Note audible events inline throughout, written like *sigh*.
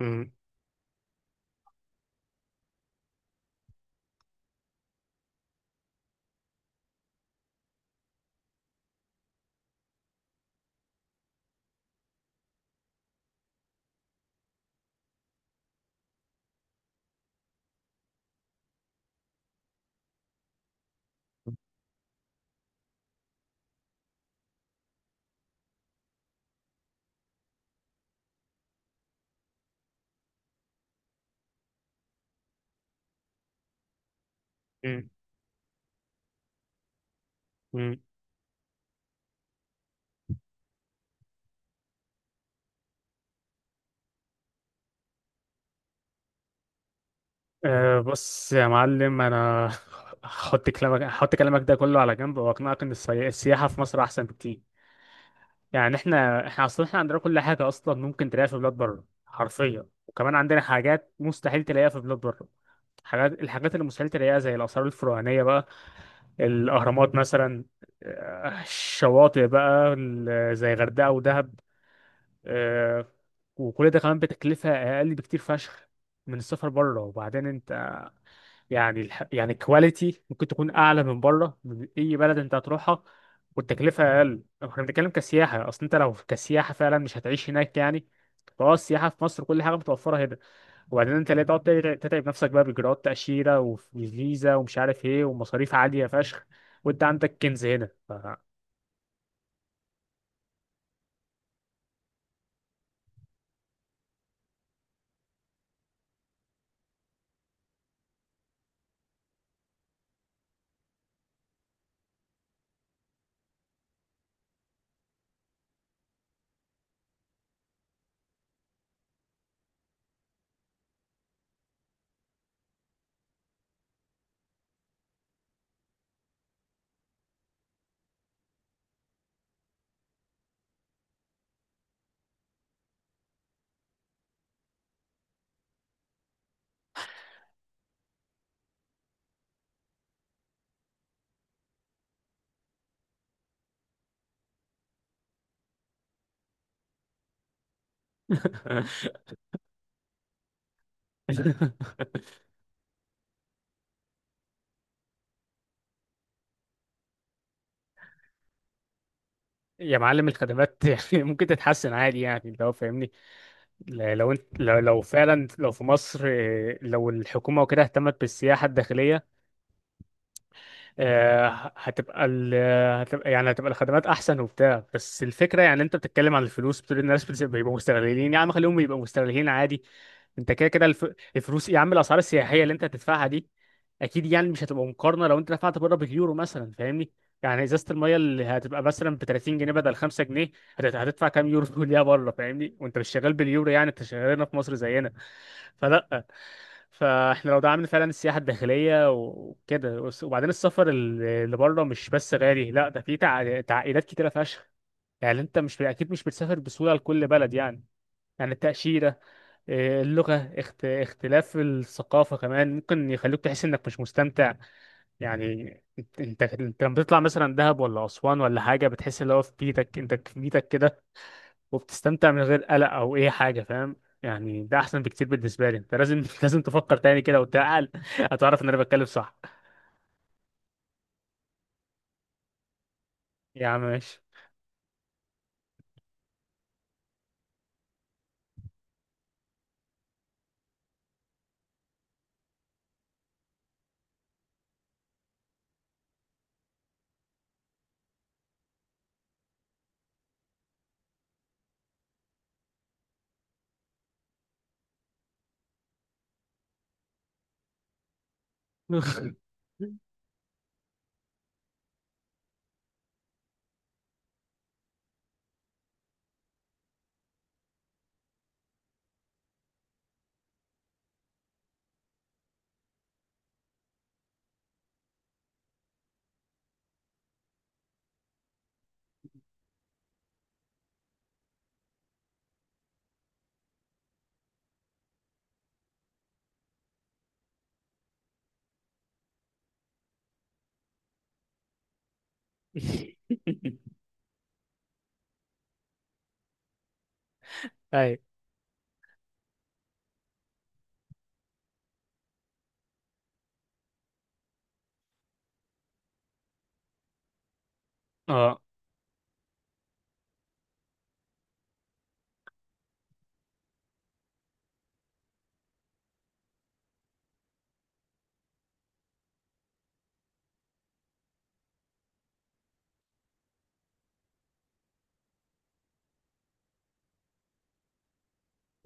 مم. مم. مم. أه، بص يا معلم، انا *laughs* هحط كلامك ده كله على جنب واقنعك ان السياحه في مصر احسن بكتير. يعني احنا اصلا عندنا كل حاجه اصلا ممكن تلاقيها في بلاد بره حرفيا، وكمان عندنا حاجات مستحيل تلاقيها في بلاد بره. الحاجات اللي مستحيل تلاقيها زي الاثار الفرعونيه بقى، الاهرامات مثلا، الشواطئ بقى، زي غردقه ودهب، آه، وكل ده كمان بتكلفه اقل بكتير فشخ من السفر بره. وبعدين انت، يعني الكواليتي ممكن تكون اعلى من بره، من اي بلد انت هتروحها، والتكلفه اقل. احنا بنتكلم كسياحه، اصل انت لو كسياحه فعلا مش هتعيش هناك يعني، فهو السياحه في مصر كل حاجه متوفره هنا. وبعدين انت ليه تقعد تتعب نفسك بقى باجراءات تاشيره وفيزا ومش عارف ايه ومصاريف عاليه فشخ، وانت عندك كنز هنا. *laughs* يا معلم، الخدمات *laughs* يعني ممكن تتحسن عادي يعني لو فاهمني. لو فعلا لو في مصر، لو الحكومه وكده اهتمت بالسياحه الداخليه، آه، ه- هتبقى ال... هتبقى يعني هتبقى الخدمات احسن وبتاع. بس الفكره يعني انت بتتكلم عن الفلوس، بتقول الناس بيبقوا مستغلين. يا عم خليهم يبقوا مستغلين عادي، انت كده كده الفلوس يا عم. الاسعار السياحيه اللي انت هتدفعها دي اكيد يعني مش هتبقى مقارنه لو انت دفعت بره باليورو مثلا، فاهمني؟ يعني ازازه الميه اللي هتبقى مثلا ب 30 جنيه بدل 5 جنيه، هتدفع كام يورو *laughs* ليها بره؟ فاهمني؟ وانت مش شغال باليورو، يعني انت شغال هنا في مصر زينا. فلا، فاحنا لو دعمنا فعلا السياحه الداخليه وكده وبعدين، السفر اللي بره مش بس غالي، لا ده في تعقيدات كتيره فشخ. يعني انت مش اكيد، مش بتسافر بسهوله لكل بلد يعني. يعني التأشيرة، اللغة، اختلاف الثقافة كمان ممكن يخليك تحس انك مش مستمتع يعني. انت لما بتطلع مثلا دهب ولا أسوان ولا حاجة، بتحس اللي هو في بيتك، انت في بيتك كده، وبتستمتع من غير قلق او اي حاجه، فاهم؟ يعني ده احسن بكتير بالنسبه لي. انت لازم *laughs* لازم تفكر تاني كده وتعقل، *laughs* هتعرف ان انا بتكلم صح. يا عم ماشي. *laughs* اي. اه.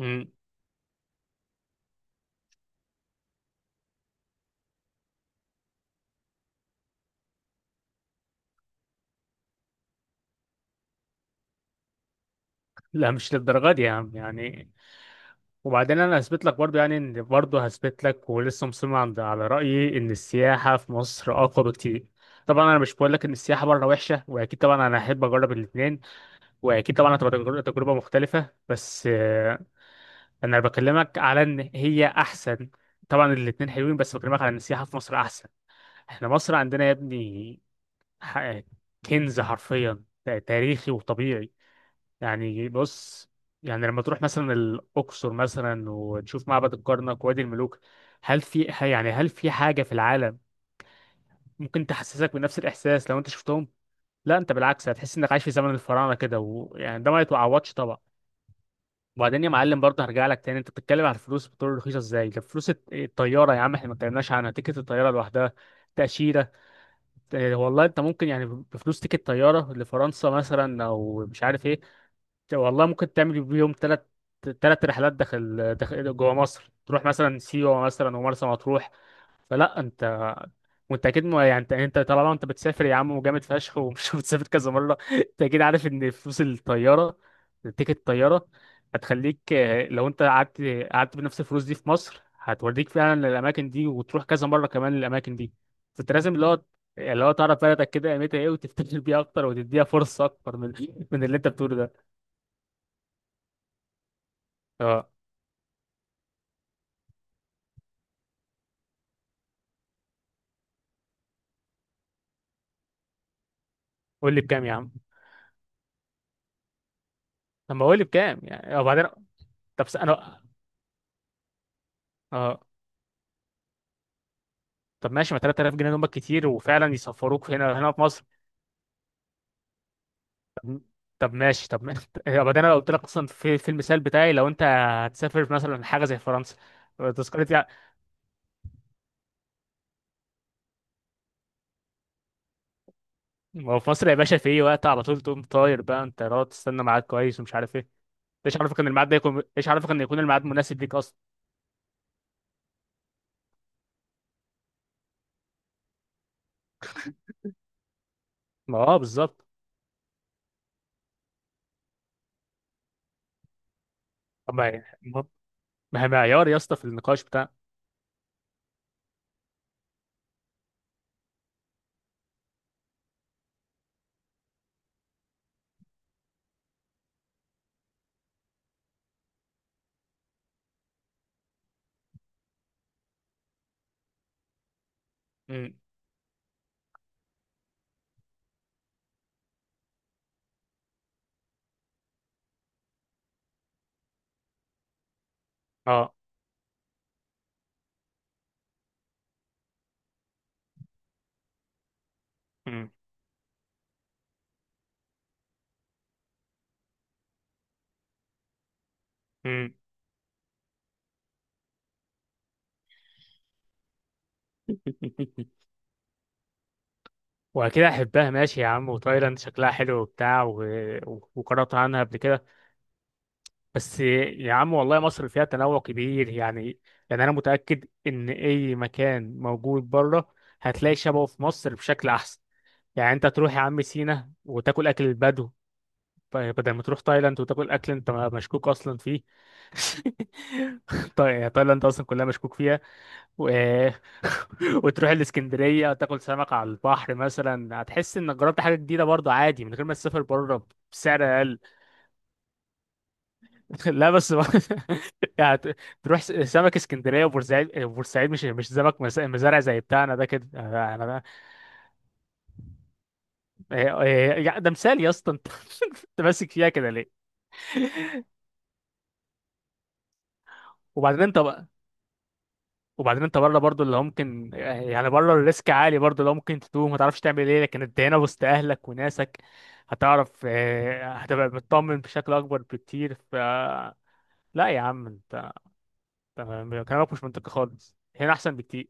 أمم. لا، مش للدرجه دي يا عم يعني. وبعدين انا هثبت لك برضه يعني، ان برضه هثبت لك، ولسه مصمم عند على رايي ان السياحه في مصر اقوى بكتير. طبعا انا مش بقول لك ان السياحه بره وحشه، واكيد طبعا انا احب اجرب الاثنين، واكيد طبعا هتبقى تجربه مختلفه، بس انا بكلمك على ان هي احسن. طبعا الاتنين حلوين، بس بكلمك على ان السياحه في مصر احسن. احنا مصر عندنا يا ابني ح- كنز حرفيا، تاريخي وطبيعي. يعني بص، يعني لما تروح مثلا الاقصر مثلا وتشوف معبد الكرنك ووادي الملوك، هل في هل في حاجه في العالم ممكن تحسسك بنفس الاحساس لو انت شفتهم؟ لا، انت بالعكس هتحس انك عايش في زمن الفراعنه كده، ويعني ده ما يتعوضش طبعا. وبعدين يا معلم برضه هرجع لك تاني، انت بتتكلم على الفلوس بتقول رخيصه ازاي؟ ده فلوس الطياره يا عم، احنا ما اتكلمناش عنها، تيكت الطياره لوحدها، تاشيره. اه، والله انت ممكن يعني بفلوس تيكت طياره لفرنسا مثلا او مش عارف ايه، والله ممكن تعمل بيهم ثلاث رحلات داخل جوه مصر، تروح مثلا سيوه مثلا ومرسى مطروح. فلا، انت وانت اكيد يعني انت طالما انت بتسافر يا عم وجامد فشخ، ومش *laughs* بتسافر كذا مره، انت اكيد عارف ان فلوس الطياره، تيكت الطياره هتخليك، لو انت قعدت بنفس الفلوس دي في مصر، هتوريك فعلا الاماكن دي، وتروح كذا مره كمان الاماكن دي. فانت لازم اللي هو تعرف بلدك كده قيمتها ايه، وتفتكر بيها اكتر، وتديها فرصه اكتر من *laughs* من اللي انت بتقوله ده. اه. قول لي بكام يا عم؟ طب ما قول لي بكام يعني، وبعدين. طب انا اه. طب ماشي، ما 3000 جنيه دول كتير، وفعلا يسفروك هنا، هنا في مصر. طب ماشي، طب ما- *laughs* يبقى ده انا قلت لك اصلا في في المثال بتاعي لو انت هتسافر مثلا حاجه زي فرنسا، تذكرة يعني. ما هو في مصر يا باشا في اي وقت على طول تقوم طاير بقى، انت تقعد تستنى ميعاد كويس ومش عارف ايه؟ ايش عارفك ان الميعاد ده يكون ايش عارفك ان يكون الميعاد مناسب ليك اصلا؟ ما اه، بالظبط. طب ما هي ما ما هي معيار يا اسطى في النقاش بتاع. امم. اه. امم. امم. *laughs* واكيد احبها، ماشي يا عم، وتايلاند شكلها حلو وبتاع وقرأت عنها قبل كده. بس يا عم والله مصر فيها تنوع كبير يعني. يعني انا متاكد ان اي مكان موجود بره هتلاقي شبهه في مصر بشكل احسن. يعني انت تروح يا عم سينا وتاكل اكل البدو، بدل ما تروح تايلاند وتاكل اكل انت مشكوك اصلا فيه. *laughs* تايلاند اصلا كلها مشكوك فيها. و... *laughs* وتروح الاسكندريه وتاكل سمك على البحر مثلا، هتحس انك جربت حاجه جديده برضه عادي من غير ما تسافر بره، بسعر اقل. *laughs* لا بس *laughs* يعني ت- تروح سمك اسكندريه وبورسعيد، بورسعيد مش سمك، مزارع زي بتاعنا ده كده ده مثال يا اسطى، انت *laughs* انت ماسك فيها كده ليه؟ وبعدين انت بقى وبعدين انت بره برضو اللي هو ممكن، يعني بره الريسك عالي برضو، اللي هو ممكن تتوه، ما تعرفش تعمل ايه، لكن انت هنا وسط اهلك وناسك، هتعرف، هتبقى مطمن بشكل اكبر بكتير. ف لا يا عم، انت كلامك مش منطقي خالص، هنا احسن بكتير.